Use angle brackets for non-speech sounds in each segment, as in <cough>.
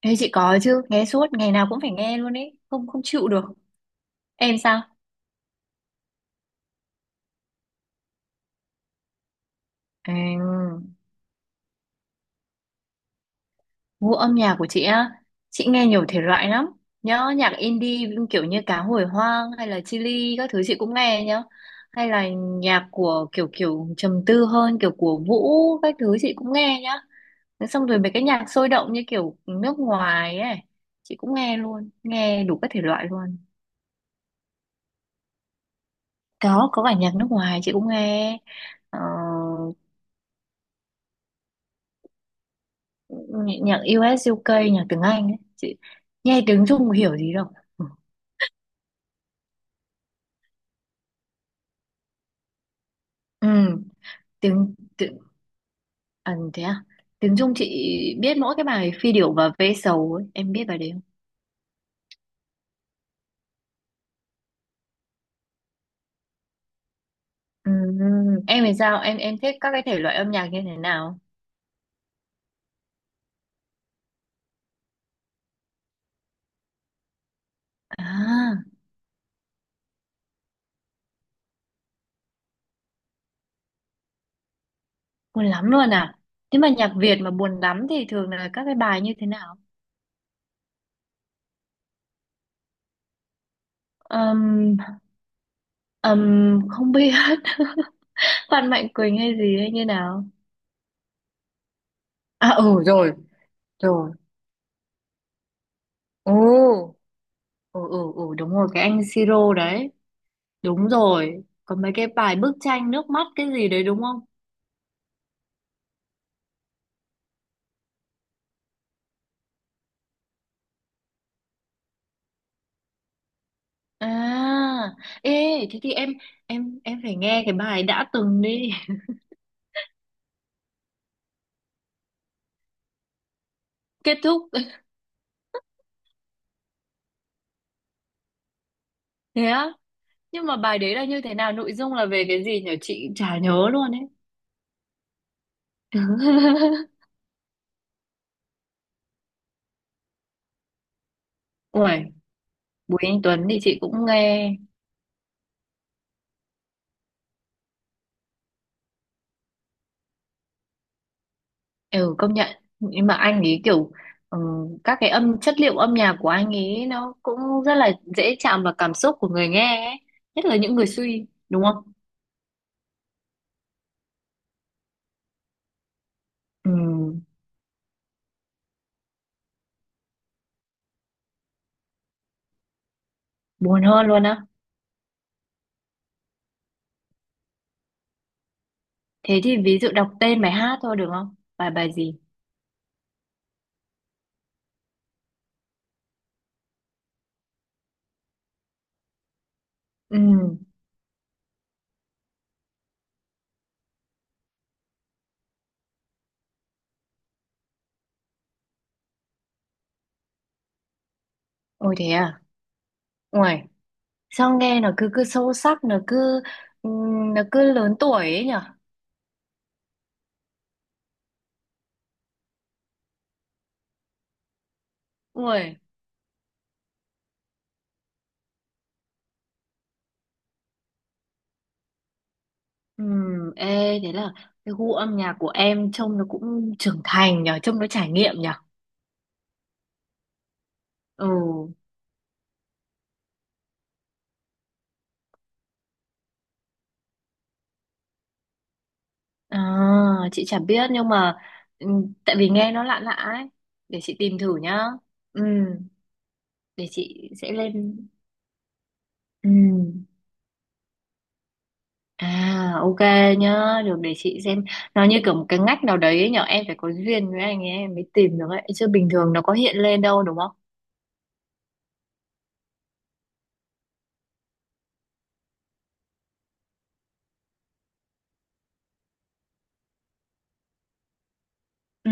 Ê, chị có chứ, nghe suốt, ngày nào cũng phải nghe luôn ấy, không không chịu được. Em sao? À, Gu âm nhạc của chị á, chị nghe nhiều thể loại lắm. Nhớ nhạc indie kiểu như Cá Hồi Hoang hay là Chillies các thứ chị cũng nghe nhá. Hay là nhạc của kiểu kiểu trầm tư hơn, kiểu của Vũ các thứ chị cũng nghe nhá. Thế xong rồi mấy cái nhạc sôi động như kiểu nước ngoài ấy, chị cũng nghe luôn, nghe đủ các thể loại luôn. Có cả nhạc nước ngoài chị cũng nghe. Ờ, Nhạc nhạc US UK, nhạc tiếng Anh ấy. Chị nghe tiếng Trung hiểu gì đâu. Ừ, Ừ, tiếng à, thế à? Tiếng Trung chị biết mỗi cái bài Phi điểu và Ve sầu ấy. Em biết bài đấy không? Ừ, em thì sao? Em thích các cái thể loại âm nhạc như thế nào? À, buồn lắm luôn à? Thế mà nhạc Việt mà buồn lắm thì thường là các cái bài như thế nào? Ừm, ừm, không biết. <laughs> Phan Mạnh Quỳnh hay gì hay như nào? À ừ rồi, rồi. Ồ. Ừ ừ ừ đúng rồi cái anh Siro đấy, đúng rồi có mấy cái bài bức tranh nước mắt cái gì đấy đúng không? À, ê thế thì em, em phải nghe cái bài đã từng đi. <laughs> Kết thúc thế á, nhưng mà bài đấy là như thế nào, nội dung là về cái gì nhỉ, chị chả nhớ luôn ấy. <laughs> Ui, Bùi Anh Tuấn thì chị cũng nghe. Ừ, công nhận. Nhưng mà anh ấy kiểu ừ, các cái âm chất liệu âm nhạc của anh ấy nó cũng rất là dễ chạm vào cảm xúc của người nghe ấy. Nhất là những người suy đúng không? Ừ, buồn hơn luôn á. Thế thì ví dụ đọc tên bài hát thôi được không, bài bài gì? Ừm, ôi thế à, ôi sao nghe nó cứ cứ sâu sắc, nó cứ ừ, nó cứ lớn tuổi ấy nhở. Ôi, ừ, ê thế là cái gu âm nhạc của em trông nó cũng trưởng thành nhở, trông nó trải nghiệm nhở. Ừ, à, chị chả biết nhưng mà ừ, tại vì nghe nó lạ lạ ấy, để chị tìm thử nhá. Ừ, để chị sẽ lên. Ừ. À, ok nhá, được, để chị xem. Nó như kiểu một cái ngách nào đấy ấy nhở, em phải có duyên với anh ấy em mới tìm được ấy, chứ bình thường nó có hiện lên đâu đúng không? Ừ.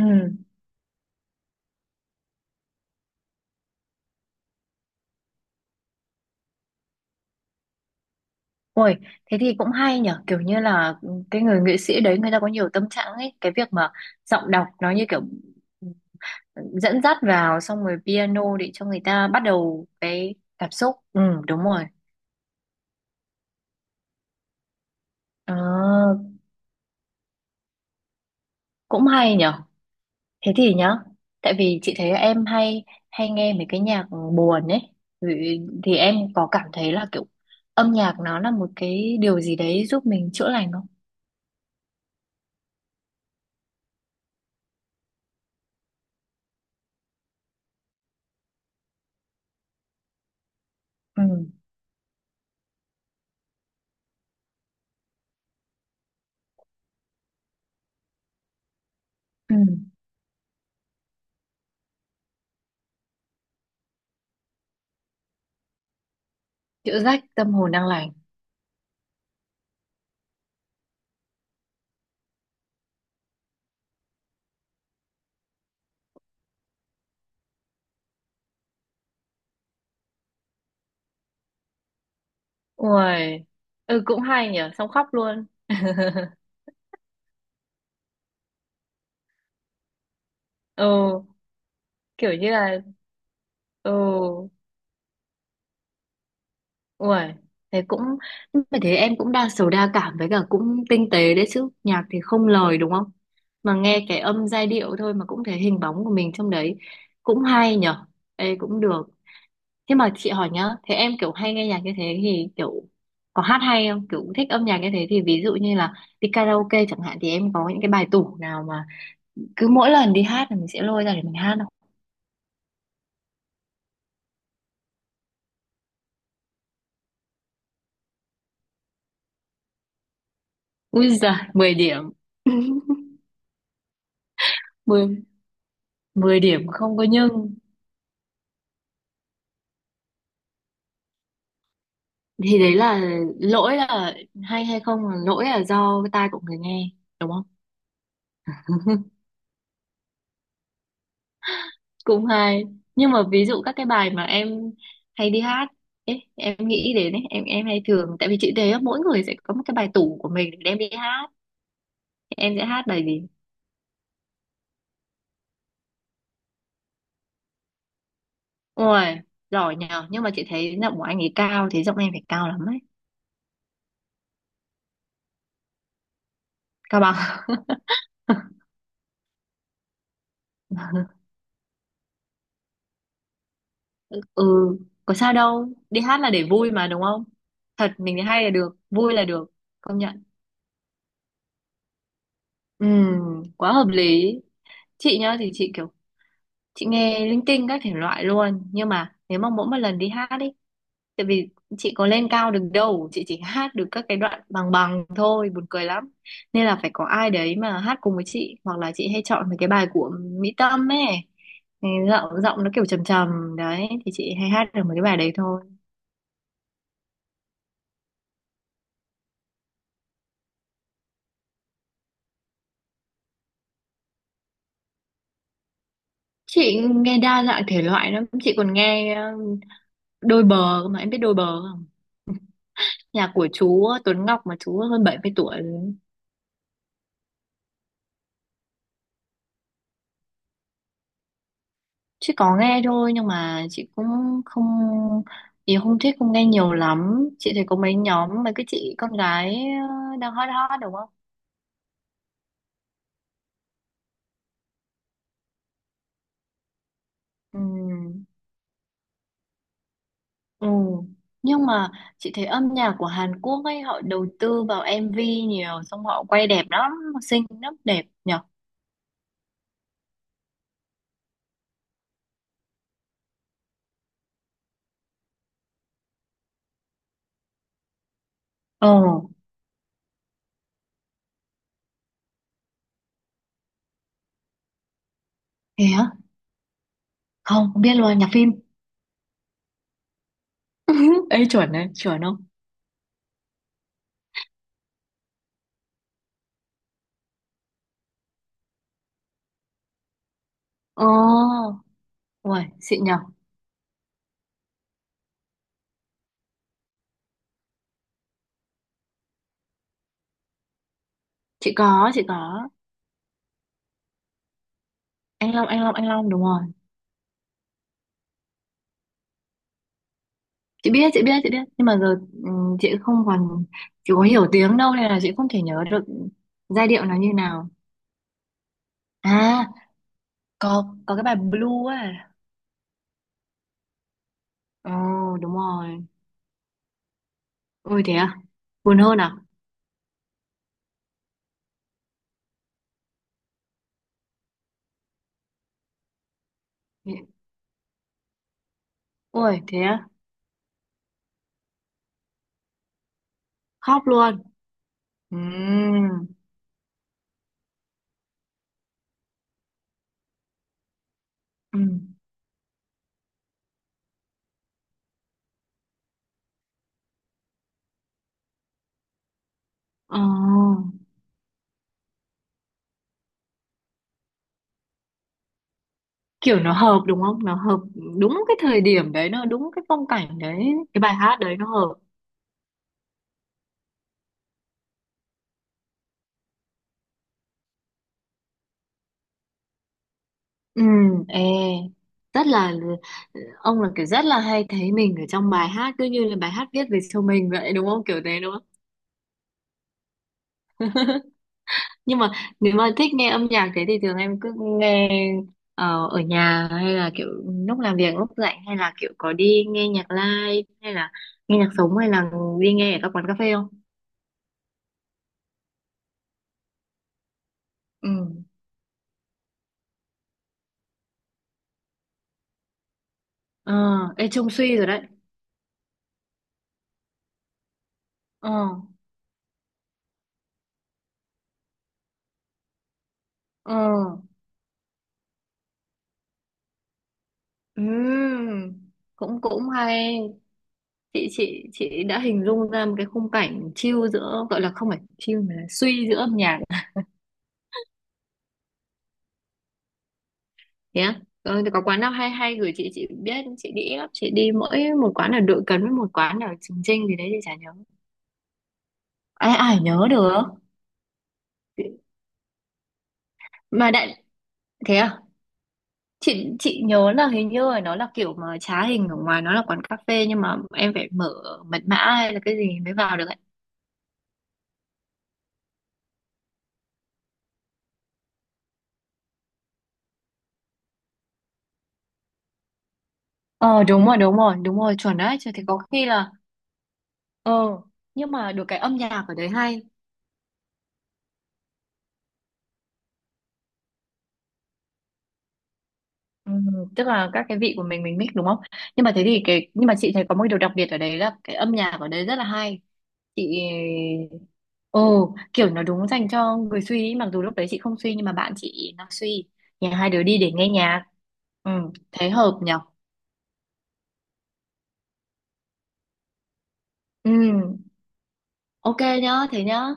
Ôi, thế thì cũng hay nhở, kiểu như là cái người nghệ sĩ đấy người ta có nhiều tâm trạng ấy, cái việc mà giọng đọc nó như kiểu dẫn dắt vào xong rồi piano để cho người ta bắt đầu cái cảm xúc, ừ đúng rồi. Ờ, cũng hay nhở. Thế thì nhá, tại vì chị thấy em hay hay nghe mấy cái nhạc buồn ấy, thì em có cảm thấy là kiểu âm nhạc nó là một cái điều gì đấy giúp mình chữa lành không? Ừ, ừ chữa rách tâm hồn đang lành. Ui, ừ cũng hay nhở, xong khóc luôn. <laughs> Ừ, kiểu như là ừ. Ui, thế cũng phải, thế em cũng đa sầu đa cảm với cả cũng tinh tế đấy chứ, nhạc thì không lời đúng không, mà nghe cái âm giai điệu thôi mà cũng thấy hình bóng của mình trong đấy, cũng hay nhở. Ê cũng được. Thế mà chị hỏi nhá, thế em kiểu hay nghe nhạc như thế thì kiểu có hát hay không, kiểu thích âm nhạc như thế thì ví dụ như là đi karaoke chẳng hạn thì em có những cái bài tủ nào mà cứ mỗi lần đi hát là mình sẽ lôi ra để mình hát không? Ui giời 10 điểm. <laughs> Mười, 10 điểm không có, nhưng thì đấy là lỗi là, hay hay không là lỗi là do cái tai của người nghe đúng không? <laughs> Cũng hay. Nhưng mà ví dụ các cái bài mà em hay đi hát ấy, em nghĩ đến ấy, em hay thường, tại vì chị thấy á, mỗi người sẽ có một cái bài tủ của mình để đem đi hát. Thì em sẽ hát bài gì? Ôi giỏi nhờ, nhưng mà chị thấy giọng của anh ấy cao thì giọng em phải cao lắm ấy. Cao bằng. <laughs> Ừ, có sao đâu, đi hát là để vui mà đúng không? Thật, mình thấy hay là được, vui là được, công nhận. Ừ, quá hợp lý. Chị nhá thì chị kiểu, chị nghe linh tinh các thể loại luôn, nhưng mà nếu mà mỗi một lần đi hát đi, tại vì chị có lên cao được đâu, chị chỉ hát được các cái đoạn bằng bằng thôi, buồn cười lắm, nên là phải có ai đấy mà hát cùng với chị, hoặc là chị hay chọn mấy cái bài của Mỹ Tâm ấy. Thì giọng giọng nó kiểu trầm trầm đấy thì chị hay hát được mấy cái bài đấy thôi. Chị nghe đa dạng thể loại lắm, chị còn nghe ờ, đôi bờ cơ, mà em biết đôi bờ không? Nhạc của chú Tuấn Ngọc mà chú hơn 70 tuổi rồi. Chị có nghe thôi, nhưng mà chị cũng không, thì không thích, không nghe nhiều lắm. Chị thấy có mấy nhóm mấy cái chị con gái ờ, đang hot hot đúng không? Ừ. Ừ. Nhưng mà chị thấy âm nhạc của Hàn Quốc ấy họ đầu tư vào MV nhiều, xong họ quay đẹp lắm, xinh lắm, đẹp nhở. Ồ, thế hả? Không, không biết luôn, nhạc phim. <laughs> Ê chuẩn đấy, chuẩn không? Ồ, uầy, xịn nhở. Chị có, chị có. Anh Long, anh Long, anh Long đúng rồi. Chị biết, chị biết, chị biết nhưng mà giờ chị không còn, chị có hiểu tiếng đâu nên là chị không thể nhớ được giai điệu nó như nào. À có cái bài Blue ấy. Ồ, đúng rồi, ôi thế à, buồn hơn à. Ôi thế à, khóc luôn. Ừm. Ừm. Ờ. Kiểu nó hợp đúng không, nó hợp đúng cái thời điểm đấy, nó đúng cái phong cảnh đấy, cái bài hát đấy nó hợp. Ừ, ê, rất là ông là kiểu rất là hay thấy mình ở trong bài hát, cứ như là bài hát viết về show mình vậy đúng không, kiểu thế đúng không? Nhưng mà nếu mà thích nghe âm nhạc thế thì thường em cứ nghe ờ, ở nhà hay là kiểu lúc làm việc lúc rảnh, hay là kiểu có đi nghe nhạc live hay là nghe nhạc sống, hay là đi nghe ở các quán cà phê không? Ừ. Ờ, ê trông suy rồi đấy. Ờ, ờ ừm, cũng cũng hay. Chị đã hình dung ra một cái khung cảnh chill, giữa gọi là không phải chill mà là suy, giữa âm nhạc. Nhé á. Ờ, thì có quán nào hay hay gửi chị biết chị đi ít lắm, chị đi mỗi một quán ở Đội Cấn với một quán ở Trường Chinh gì đấy thì chả nhớ, ai ai nhớ được mà đại. Thế à, chị nhớ là hình như là nó là kiểu mà trá hình, ở ngoài nó là quán cà phê nhưng mà em phải mở mật mã hay là cái gì mới vào được ấy. Ờ đúng rồi đúng rồi đúng rồi, chuẩn đấy. Chứ thì có khi là ờ, nhưng mà được cái âm nhạc ở đấy hay. Ừ, tức là các cái vị của mình mix đúng không? Nhưng mà thế thì cái, nhưng mà chị thấy có một điều đặc biệt ở đấy là cái âm nhạc ở đấy rất là hay. Chị ồ kiểu nó đúng dành cho người suy ý, mặc dù lúc đấy chị không suy nhưng mà bạn chị nó suy. Nhà hai đứa đi để nghe nhạc. Ừ, thế hợp nhở? Ừ, ok nhá, thế nhá.